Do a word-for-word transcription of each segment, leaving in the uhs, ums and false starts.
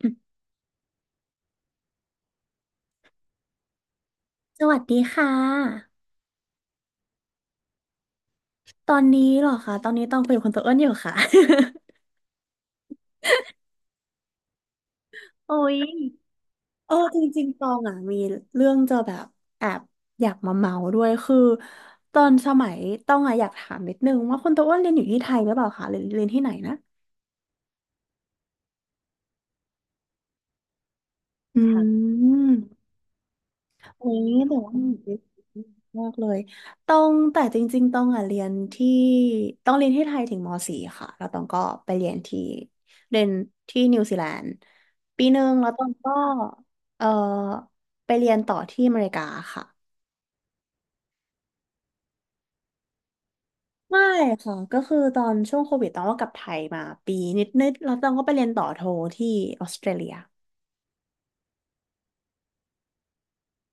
สวัสดีค่ะตอนนี้เหรอคะตอนนี้ต้องคุยกับคุณตัวอ้วนอยู่ค่ะ โอ้ยโอ้จริงๆตองอ่ะมีเรื่องจะแบบแอบอยากมาเมาด้วยคือตอนสมัยต้องอ่ะอยากถามนิดนึงว่าคุณตัวอ้วนเรียนอยู่ที่ไทยหรือเปล่าคะหรือเรียนที่ไหนนะอืม โอุ้ยแต่ว่ามันมากเลยต้องแต่จริงๆต้องอ่ะเรียนที่ต้องเรียนที่ไทยถึงม .สี่ ค่ะแล้วต้องก็ไปเรียนที่เรียนที่นิวซีแลนด์ปีหนึ่งแล้วต้องก็เออไปเรียนต่อที่อเมริกาค่ะไม่ค่ะก็คือตอนช่วงโควิดต้องก็กลับไทยมาปีนิดๆแล้วต้องก็ไปเรียนต่อโทที่ออสเตรเลีย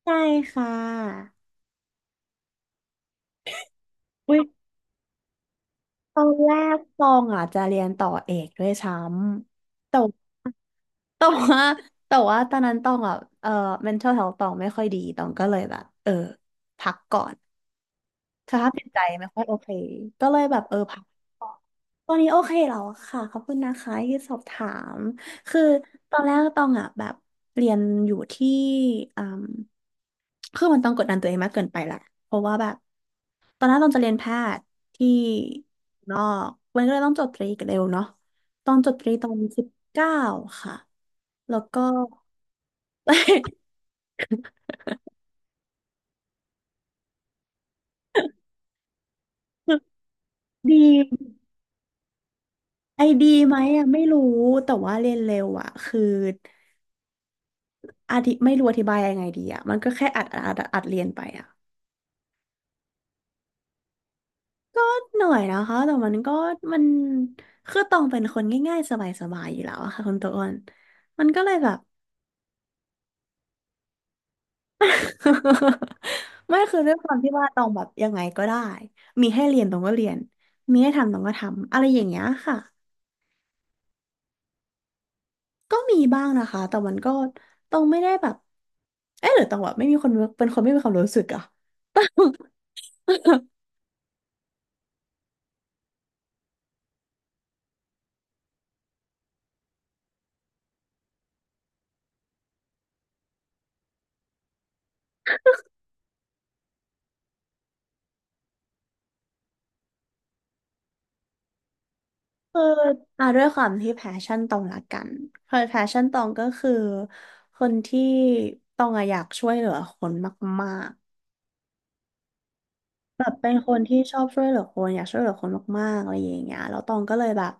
ใช่ค่ะอุ๊ยตอนแรกตองอ่ะจะเรียนต่อเอกด้วยซ้ำแต่ แต่ว่าแต่ว่าตอนนั้นต้องอ่ะเอ่อ mental health ต้องไม่ค่อยดีต้องก็เลยแบบเออพักก่อนสภาพจิตใจไม่ค่อยโอเคก็เลยแบบเออพัก ตอนนี้โอเคแล้วค่ะขอบคุณนะคะที่สอบถามคือตอนแรกตองอ่ะแบบเรียนอยู่ที่อืมคือมันต้องกดดันตัวเองมากเกินไปแหละเพราะว่าแบบตอนแรกตองจะเรียนแพทย์ที่นอกมันก็เลยต้องจบตรีกันเร็วเนาะตองจบตรีตอนสิบเก้าค่ะแล้วก็ดีไอดีไหมอ่ะไม่รู้แต่ว่าเรียนเร็วอ่ะคืออธิไม่รู้อธิบายยังไงดีอ่ะมันก็แค่อัดอัดอัดอัดเรียนไปอ่ะ หน่อยนะคะ แต่มันก็มันคือตองเป็นคนง่ายๆสบายๆอยู่แล้วอะค่ะคุณตัวอ้วนมันก็เลยแบบ ไม่คือด้วยความที่ว่าตองแบบยังไงก็ได้มีให้เรียนตองก็เรียนมีให้ทำตองก็ทำอะไรอย่างเงี้ยค่ะก็มีบ้างนะคะแต่มันก็ตองไม่ได้แบบเอ๊ะหรือตองแบบไม่มีคนเป็นคนไม่มีความรู้สึกอะ คืออ่ะด้วยความที่แพชชั่นตองละกันคือแพชชั่นตองก็คือคนที่ตองอะอยากช่วยเหลือคนมาก แบบเป็นคนที่ชอบช่วยเหลือคนอยากช่วยเหลือคนมากๆอะไรอย่างเงี้ยแล้วตองก็เลยแบบ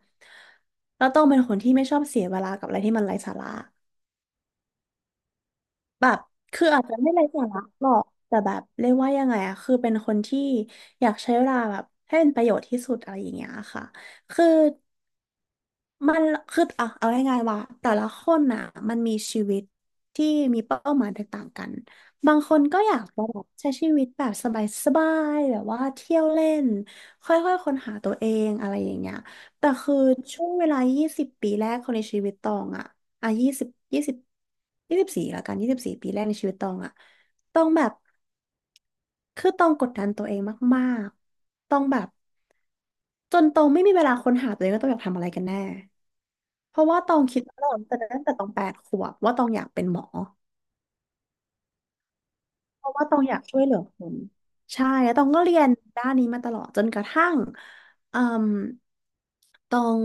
แล้วตองเป็นคนที่ไม่ชอบเสียเวลากับอะไรที่มันไร้สาระแบบคืออาจจะไม่ไร้สาระหรอกแต่แบบเรียกว่ายังไงอะคือเป็นคนที่อยากใช้เวลาแบบให้เป็นประโยชน์ที่สุดอะไรอย่างเงี้ยค่ะคือ มันคือเอาเอาง่ายๆว่าแต่ละคนน่ะมันมีชีวิตที่มีเป้าหมายแตกต่างกันบางคนก็อยากจะแบบใช้ชีวิตแบบสบายๆแบบว่าเที่ยวเล่นค่อยๆค้นหาตัวเองอะไรอย่างเงี้ยแต่คือช่วงเวลา ยี่สิบ ปีแรกของในชีวิตตองอ่ะอ่ะยี่สิบ ยี่สิบ ยี่สิบสี่ละกันยี่สิบสี่ปีแรกในชีวิตตองอะตองแบบคือตองกดดันตัวเองมากๆตองแบบจนตองไม่มีเวลาค้นหาตัวเองว่าตองอยากทำอะไรกันแน่ เพราะว่าตองคิดมาตลอดแต่ตั้งแต่ตองแปดขวบว่าตองอยากเป็นหมอเพราะว่าตองอยากช่วยเหลือคนใช่แล้วตองก็เรียนด้านนี้มาตลอดจนกระทั่งอืมตอง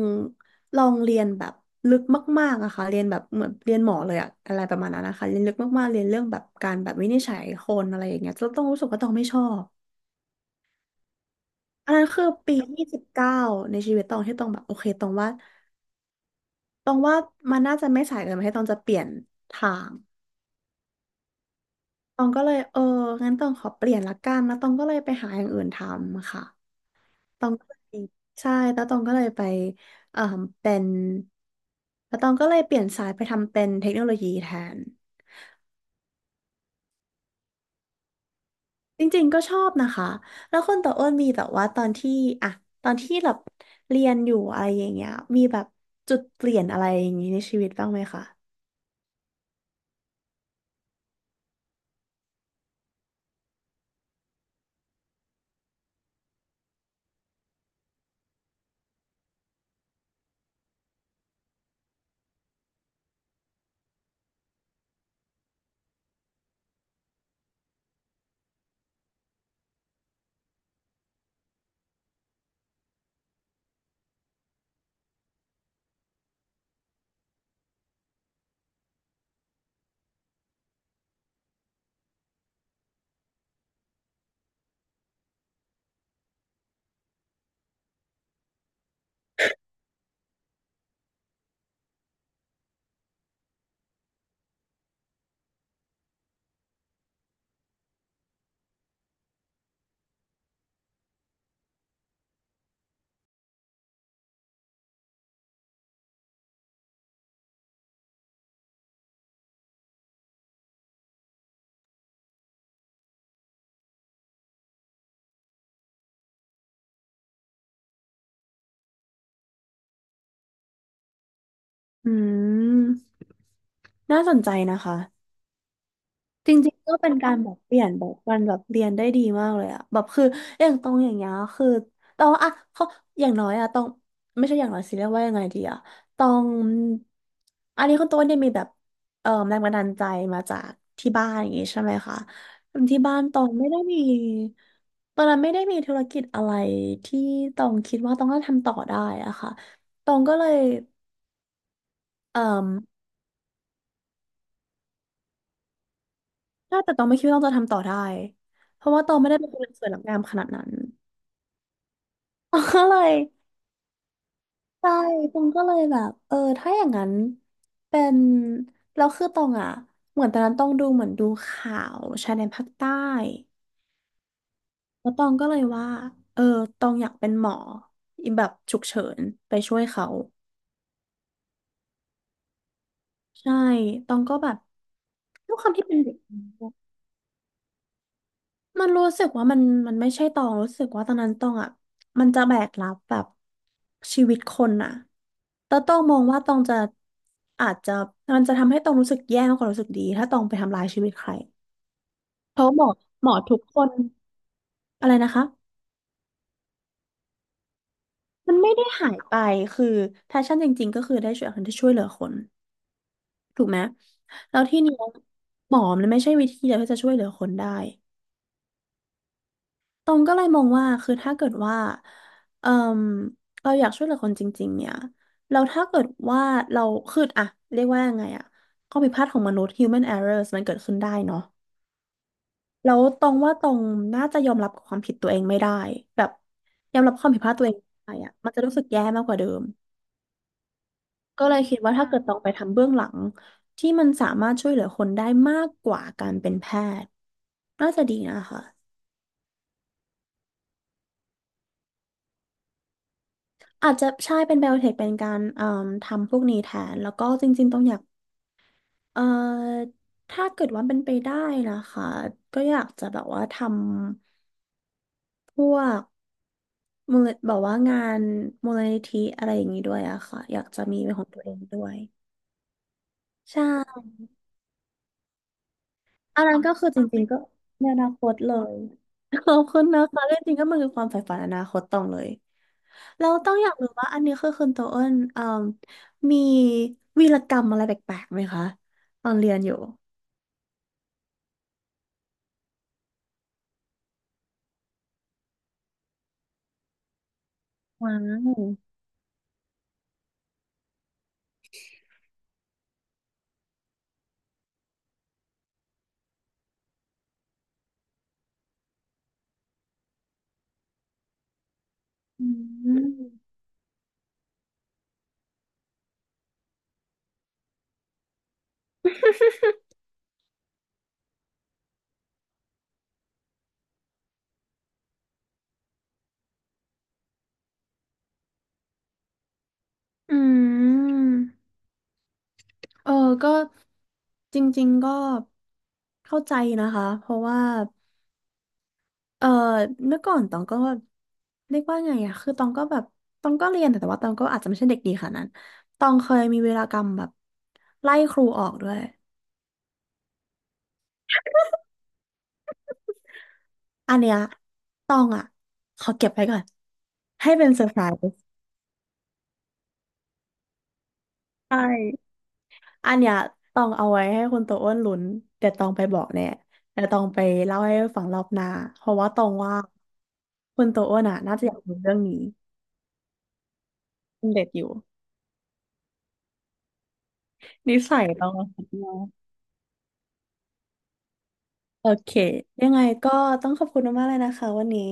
ลองเรียนแบบลึกมากๆอะค่ะเรียนแบบเหมือนเรียนหมอเลยอะอะไรประมาณนั้นนะคะเรียนลึกมากๆเรียนเรื่องแบบการแบบวินิจฉัยคนอะไรอย่างเงี้ยแล้วตองรู้สึกว่าตองไม่ชอบอันนั้นคือปีที่สิบเก้าในชีวิตตองที่ตองแบบโอเคตองว่าตองว่ามันน่าจะไม่สายเกินไปให้ตองจะเปลี่ยนทาง ตองก็เลยเอองั้นตองขอเปลี่ยนละกันแล้วตองก็เลยไปหาอย่างอื่นทำค่ะตองก็เลยใช่แล้วตองก็เลยไปเอ่อเป็นแล้วตองก็เลยเปลี่ยนสายไปทำเป็นเทคโนโลยีแทนจริงๆก็ชอบนะคะแล้วคนต่ออ้นมีแต่ว่าตอนที่อะตอนที่แบบเรียนอยู่อะไรอย่างเงี้ยมีแบบจุดเปลี่ยนอะไรอย่างงี้ในชีวิตบ้างไหมคะอืมน่าสนใจนะคะ จริงๆก็เป็นการแบบเปลี่ยนแบบวันแบบเรียนได้ดีมากเลยอะแบบคืออย่างตรงอย่างเงี้ยคือตองอะเขาอย่างน้อยอะตองไม่ใช่อย่างน้อยสิเรียกว่ายังไงดีอะตองอันนี้คุณตัวเนี่ยมีแบบเอ่อแรงบันดาลใจมาจากที่บ้านอย่างงี้ใช่ไหมคะที่บ้านตองไม่ได้มีตอนนั้นไม่ได้มีธุรกิจอะไรที่ตองคิดว่าตองน่าจะทำต่อได้อะค่ะตองก็เลยเอ่อถ้าแต่ตองไม่คิดว่าตองจะทำต่อได้เพราะว่าตองไม่ได้เป็นคนสวยรับงามขนาดนั้น ก็เลยใช่ตองก็เลยแบบเออถ้าอย่างนั้นเป็นแล้วคือตองอ่ะเหมือนตอนนั้นตองดูเหมือนดูข่าวชายแดนภาคใต้แล้วตองก็เลยว่าเออตองอยากเป็นหมอแบบฉุกเฉินไปช่วยเขาใช่ตองก็แบบด้วยความที่เป็นเด็ก มันรู้สึกว่ามันมันไม่ใช่ตองรู้สึกว่าตอนนั้นตองอ่ะมันจะแบกรับแบบชีวิตคนอ่ะแต่ตองมองว่าตองจะอาจจะมันจะทำให้ตองรู้สึกแย่มากกว่ารู้สึกดีถ้าตองไปทำลายชีวิตใครเพราะหมอหมอทุกคนอะไรนะคะมันไม่ได้หายไปคือแพชชั่นจริงๆก็คือได้ช่วยคนที่ช่วยเหลือคนถูกไหมแล้วที่นี้หมอมันไม่ใช่วิธีเดียวที่จะช่วยเหลือคนได้ ตรงก็เลยมองว่าคือถ้าเกิดว่าเออเราอยากช่วยเหลือคนจริงๆเนี่ยเราถ้าเกิดว่าเราคืออะเรียกว่ายังไงอะข้อผิดพลาดของมนุษย์ human errors มันเกิดขึ้นได้เนาะแล้วตรงว่าตรงน่าจะยอมรับกับความผิดตัวเองไม่ได้แบบยอมรับความผิดพลาดตัวเองไม่ได้อะมันจะรู้สึกแย่มากกว่าเดิมก็เลยคิดว่าถ้าเกิดตรงไปทำเบื้องหลังที่มันสามารถช่วยเหลือคนได้มากกว่าการเป็นแพทย์น่าจะดีนะคะ อาจจะใช่เป็นไบโอเทคเป็นการเอ่มทำพวกนี้แทนแล้วก็จริงๆต้องอยากเอ่อถ้าเกิดว่าเป็นไปได้นะคะก็อยากจะแบบว่าทำพวกมูลแบบว่างานมูลนิธิอะไรอย่างนี้ด้วยอะค่ะอยากจะมีเป็นของตัวเองด้วยใช่อันนั้นก็คือจริงๆก็ในอนาคตเลยขอบคุณนะคะเรื่องจริงก็มันคือความใฝ่ฝันอนาคตตองเลยเราต้องอยากรู้ว่าอันนี้คือคุณโตเอิญเอ่มมีวีรกรรมอะไรแปลกๆไหมคะตอนเรียนอยู่ ว้าว อืมอืมเออก็จริงๆก็เข้าใจนะคะ เพราะว่าเออเมื่อก่อนตองก็เรียกว่าไงอะคือตองก็แบบตองก็เรียนแต่ว่าตองก็อาจจะไม่ใช่เด็กดีขนาดนั้นตองเคยมีเวรากรรมแบบไล่ครูออกด้วย อันเนี้ยตองอะขอเก็บไว้ก่อนให้เป็นเซอร์ไพรส์ใช่ อันเนี้ยต้องเอาไว้ให้คุณโตอ้วนลุ้นเดี๋ยต้องไปบอกแน่เดี๋ยต้องไปเล่าให้ฟังรอบหน้าเพราะว่าตองว่าคุณโตอ้วนอ่ะน่าจะอยากรู้เรื่องนี้เป็นเด็ดอยู่นิสัยต้องมนะโอเคยังไงก็ต้องขอบคุณมากๆเลยนะคะวันนี้